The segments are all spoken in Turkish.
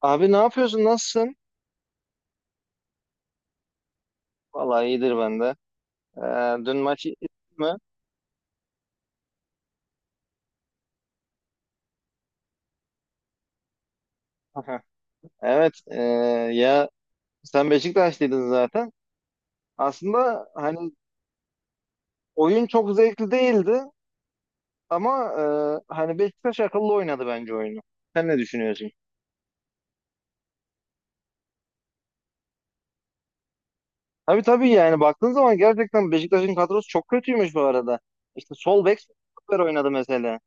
Abi ne yapıyorsun? Nasılsın? Vallahi iyidir ben de. Dün maçı izledin mi? Aha. Evet. Ya sen Beşiktaşlıydın zaten. Aslında hani oyun çok zevkli değildi ama hani Beşiktaş akıllı oynadı bence oyunu. Sen ne düşünüyorsun? Tabii tabii yani baktığın zaman gerçekten Beşiktaş'ın kadrosu çok kötüymüş bu arada. İşte sol bek stoper oynadı mesela.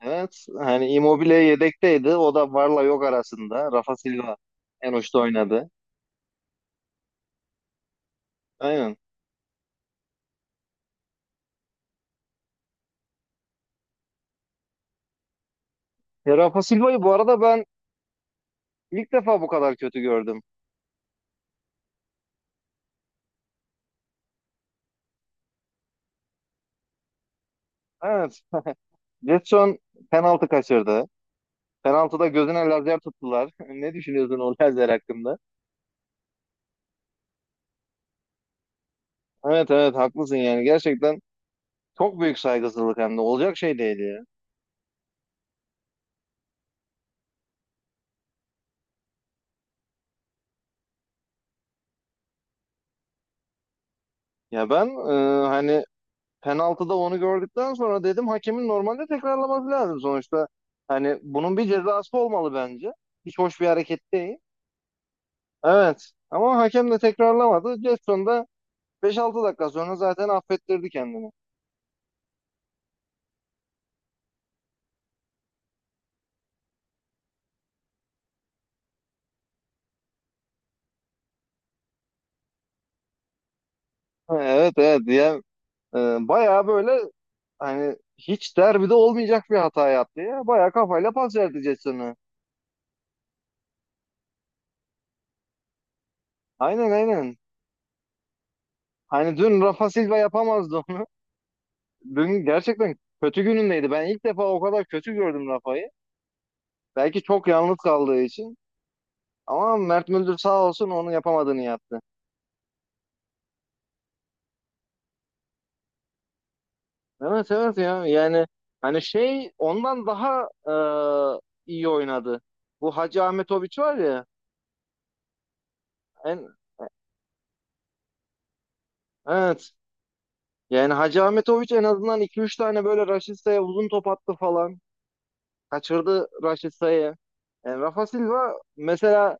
Evet. Hani Immobile yedekteydi. O da varla yok arasında. Rafa Silva en uçta oynadı. Aynen. Ya Rafa Silva'yı bu arada ben ilk defa bu kadar kötü gördüm. Evet. Jetson penaltı kaçırdı. Penaltıda gözüne lazer tuttular. Ne düşünüyorsun o lazer hakkında? Evet evet haklısın yani. Gerçekten çok büyük saygısızlık hem de. Olacak şey değil ya. Ya ben hani penaltıda onu gördükten sonra dedim hakemin normalde tekrarlaması lazım sonuçta. Hani bunun bir cezası olmalı bence. Hiç hoş bir hareket değil. Evet. Ama hakem de tekrarlamadı. Jetson da beş altı dakika sonra zaten affettirdi kendini. Ha, evet evet diye bayağı böyle hani hiç derbide olmayacak bir hata yaptı ya. Bayağı kafayla pas verdi Jason'ı. Aynen aynen. Hani dün Rafa Silva yapamazdı onu. Dün gerçekten kötü günündeydi. Ben ilk defa o kadar kötü gördüm Rafa'yı. Belki çok yalnız kaldığı için. Ama Mert Müldür sağ olsun onu yapamadığını yaptı. Evet evet ya yani hani şey ondan daha iyi oynadı. Bu Hacı Ahmetoviç var ya. En, evet. Yani Hacı Ahmetoviç en azından iki üç tane böyle Raşitsa'ya uzun top attı falan. Kaçırdı Raşitsa'yı. Yani Rafa Silva mesela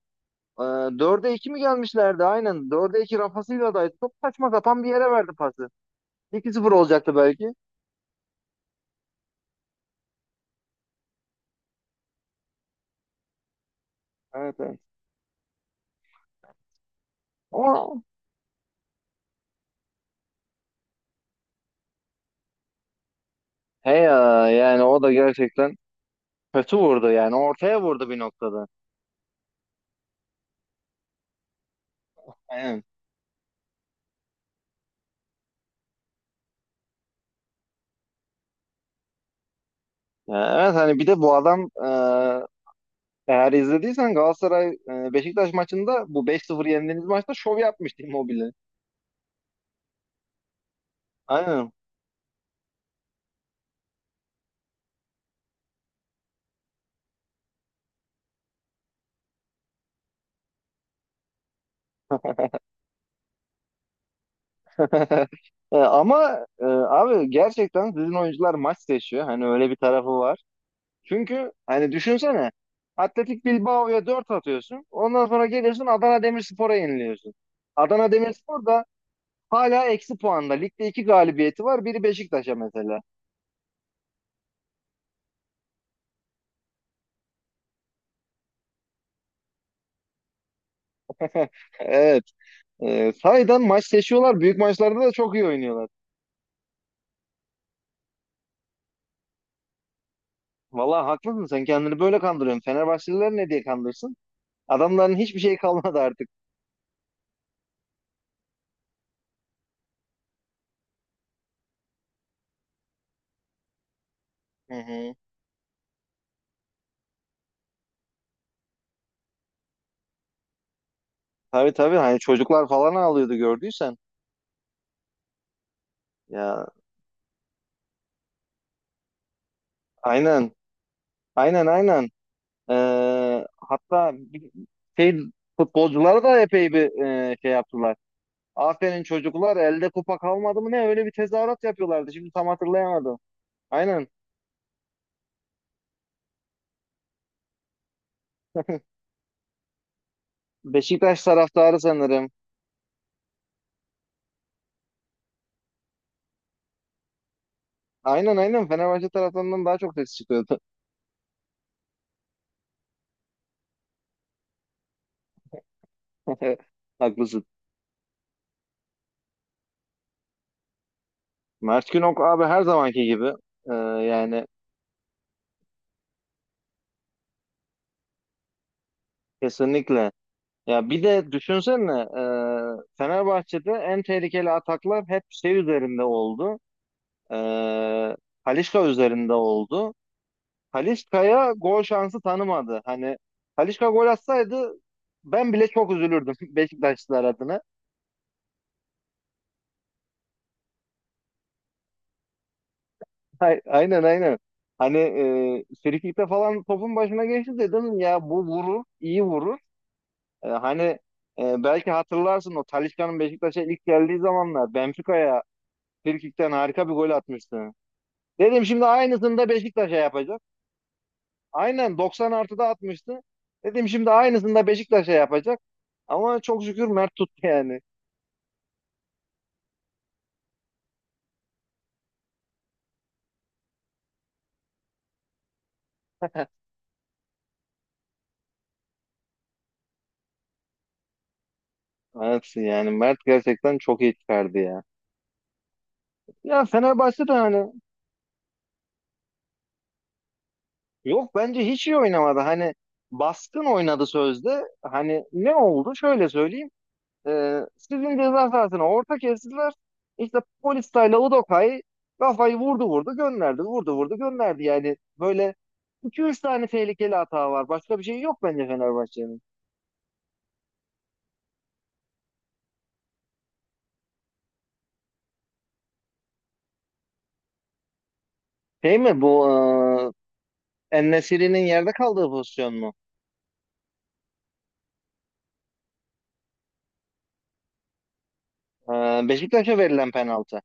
e, 4'e 2 mi gelmişlerdi? Aynen dörde 2 Rafa Silva'daydı. Top saçma sapan bir yere verdi pası. 2-0 olacaktı belki. Evet evet. Ama he ya yani o da gerçekten kötü vurdu yani ortaya vurdu bir noktada. Aynen. Ya evet hani bir de bu adam eğer izlediysen Galatasaray Beşiktaş maçında bu 5-0 yendiğiniz maçta şov yapmıştı Immobile. Aynen. Ama abi gerçekten sizin oyuncular maç seçiyor. Hani öyle bir tarafı var. Çünkü hani düşünsene Atletik Bilbao'ya 4 atıyorsun. Ondan sonra geliyorsun Adana Demirspor'a yeniliyorsun. Adana Demirspor da hala eksi puanda. Ligde 2 galibiyeti var. Biri Beşiktaş'a mesela. Evet. Sahiden maç seçiyorlar. Büyük maçlarda da çok iyi oynuyorlar. Vallahi haklısın. Sen kendini böyle kandırıyorsun. Fenerbahçeliler ne diye kandırsın? Adamların hiçbir şey kalmadı artık. Hı hı. Tabii tabii hani çocuklar falan ağlıyordu gördüysen. Ya aynen aynen aynen. Hatta şey futbolculara da epey bir şey yaptılar. Aferin çocuklar elde kupa kalmadı mı ne öyle bir tezahürat yapıyorlardı. Şimdi tam hatırlayamadım. Aynen Beşiktaş taraftarı sanırım. Aynen aynen Fenerbahçe taraftarından daha çok ses çıkıyordu. Haklısın. Mert Günok abi her zamanki gibi. Yani kesinlikle. Ya bir de düşünsene Fenerbahçe'de en tehlikeli ataklar hep şey üzerinde oldu. E, Talisca üzerinde oldu. Talisca'ya gol şansı tanımadı. Hani Talisca gol atsaydı ben bile çok üzülürdüm Beşiktaşlılar adına. Aynen aynen. Hani frikikte falan topun başına geçti dedim ya bu vurur, iyi vurur. Hani belki hatırlarsın o Talisca'nın Beşiktaş'a ilk geldiği zamanlar Benfica'ya frikikten harika bir gol atmıştı. Dedim şimdi aynısını da Beşiktaş'a yapacak. Aynen 90 artıda atmıştı. Dedim şimdi aynısını da Beşiktaş'a yapacak. Ama çok şükür Mert tuttu yani. Mert'sin yani. Mert gerçekten çok iyi çıkardı ya. Ya Fenerbahçe de hani yok bence hiç iyi oynamadı. Hani baskın oynadı sözde. Hani ne oldu? Şöyle söyleyeyim. Sizin ceza sahasına orta kestiler. İşte polis tayla Udokay kafayı vurdu vurdu gönderdi. Vurdu vurdu gönderdi. Yani böyle iki üç tane tehlikeli hata var. Başka bir şey yok bence Fenerbahçe'nin. Şey mi bu En-Nesyri'nin yerde kaldığı pozisyon mu? Beşiktaş'a verilen penaltı.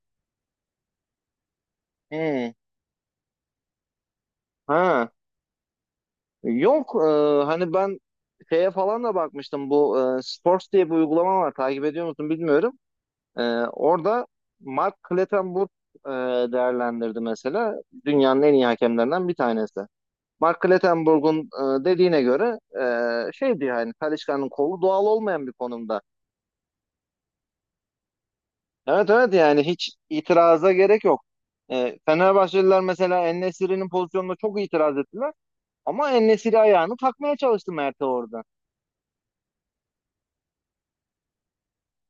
Hmm. Ha. Yok hani ben şeye falan da bakmıştım. Bu Sports diye bir uygulama var. Takip ediyor musun bilmiyorum. Ee, orada Mark Clattenburg e, değerlendirdi mesela. Dünyanın en iyi hakemlerinden bir tanesi. Mark Clattenburg'un dediğine göre şeydi yani Talisca'nın kolu doğal olmayan bir konumda. Evet evet yani hiç itiraza gerek yok. Fenerbahçeliler mesela En-Nesyri'nin pozisyonuna çok itiraz ettiler. Ama En-Nesyri ayağını takmaya çalıştı Mert'e orada.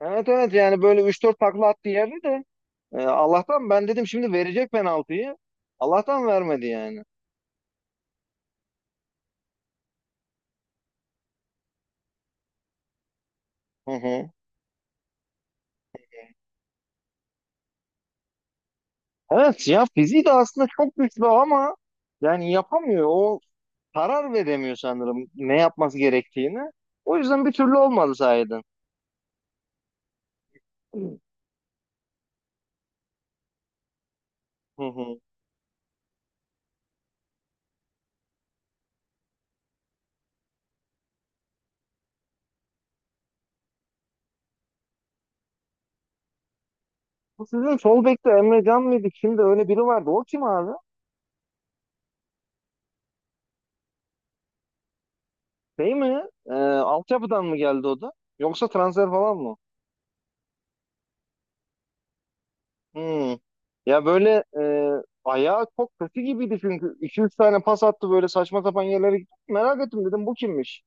Evet evet yani böyle üç dört takla attı yerde de Allah'tan ben dedim şimdi verecek penaltıyı. Allah'tan vermedi yani. Hı hı. Evet ya fiziği de aslında çok güçlü ama yani yapamıyor. O karar veremiyor sanırım ne yapması gerektiğini. O yüzden bir türlü olmadı sahiden. Hı hı. Bu sizin sol bekte Emre Can mıydı? Kimdi? Öyle biri vardı. O kim abi? Şey mi? Altyapıdan mı geldi o da? Yoksa transfer falan mı? Hmm. Ya böyle ayağı çok kötü gibiydi çünkü. 2-3 tane pas attı böyle saçma sapan yerlere gitti. Merak ettim dedim bu kimmiş?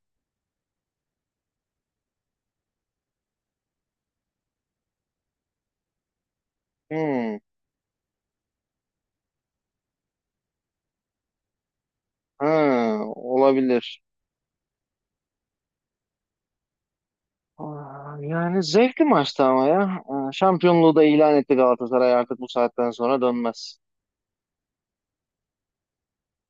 Hmm. Ha, olabilir. Aa, yani zevkli maçtı ama ya. Şampiyonluğu da ilan etti Galatasaray artık bu saatten sonra dönmez.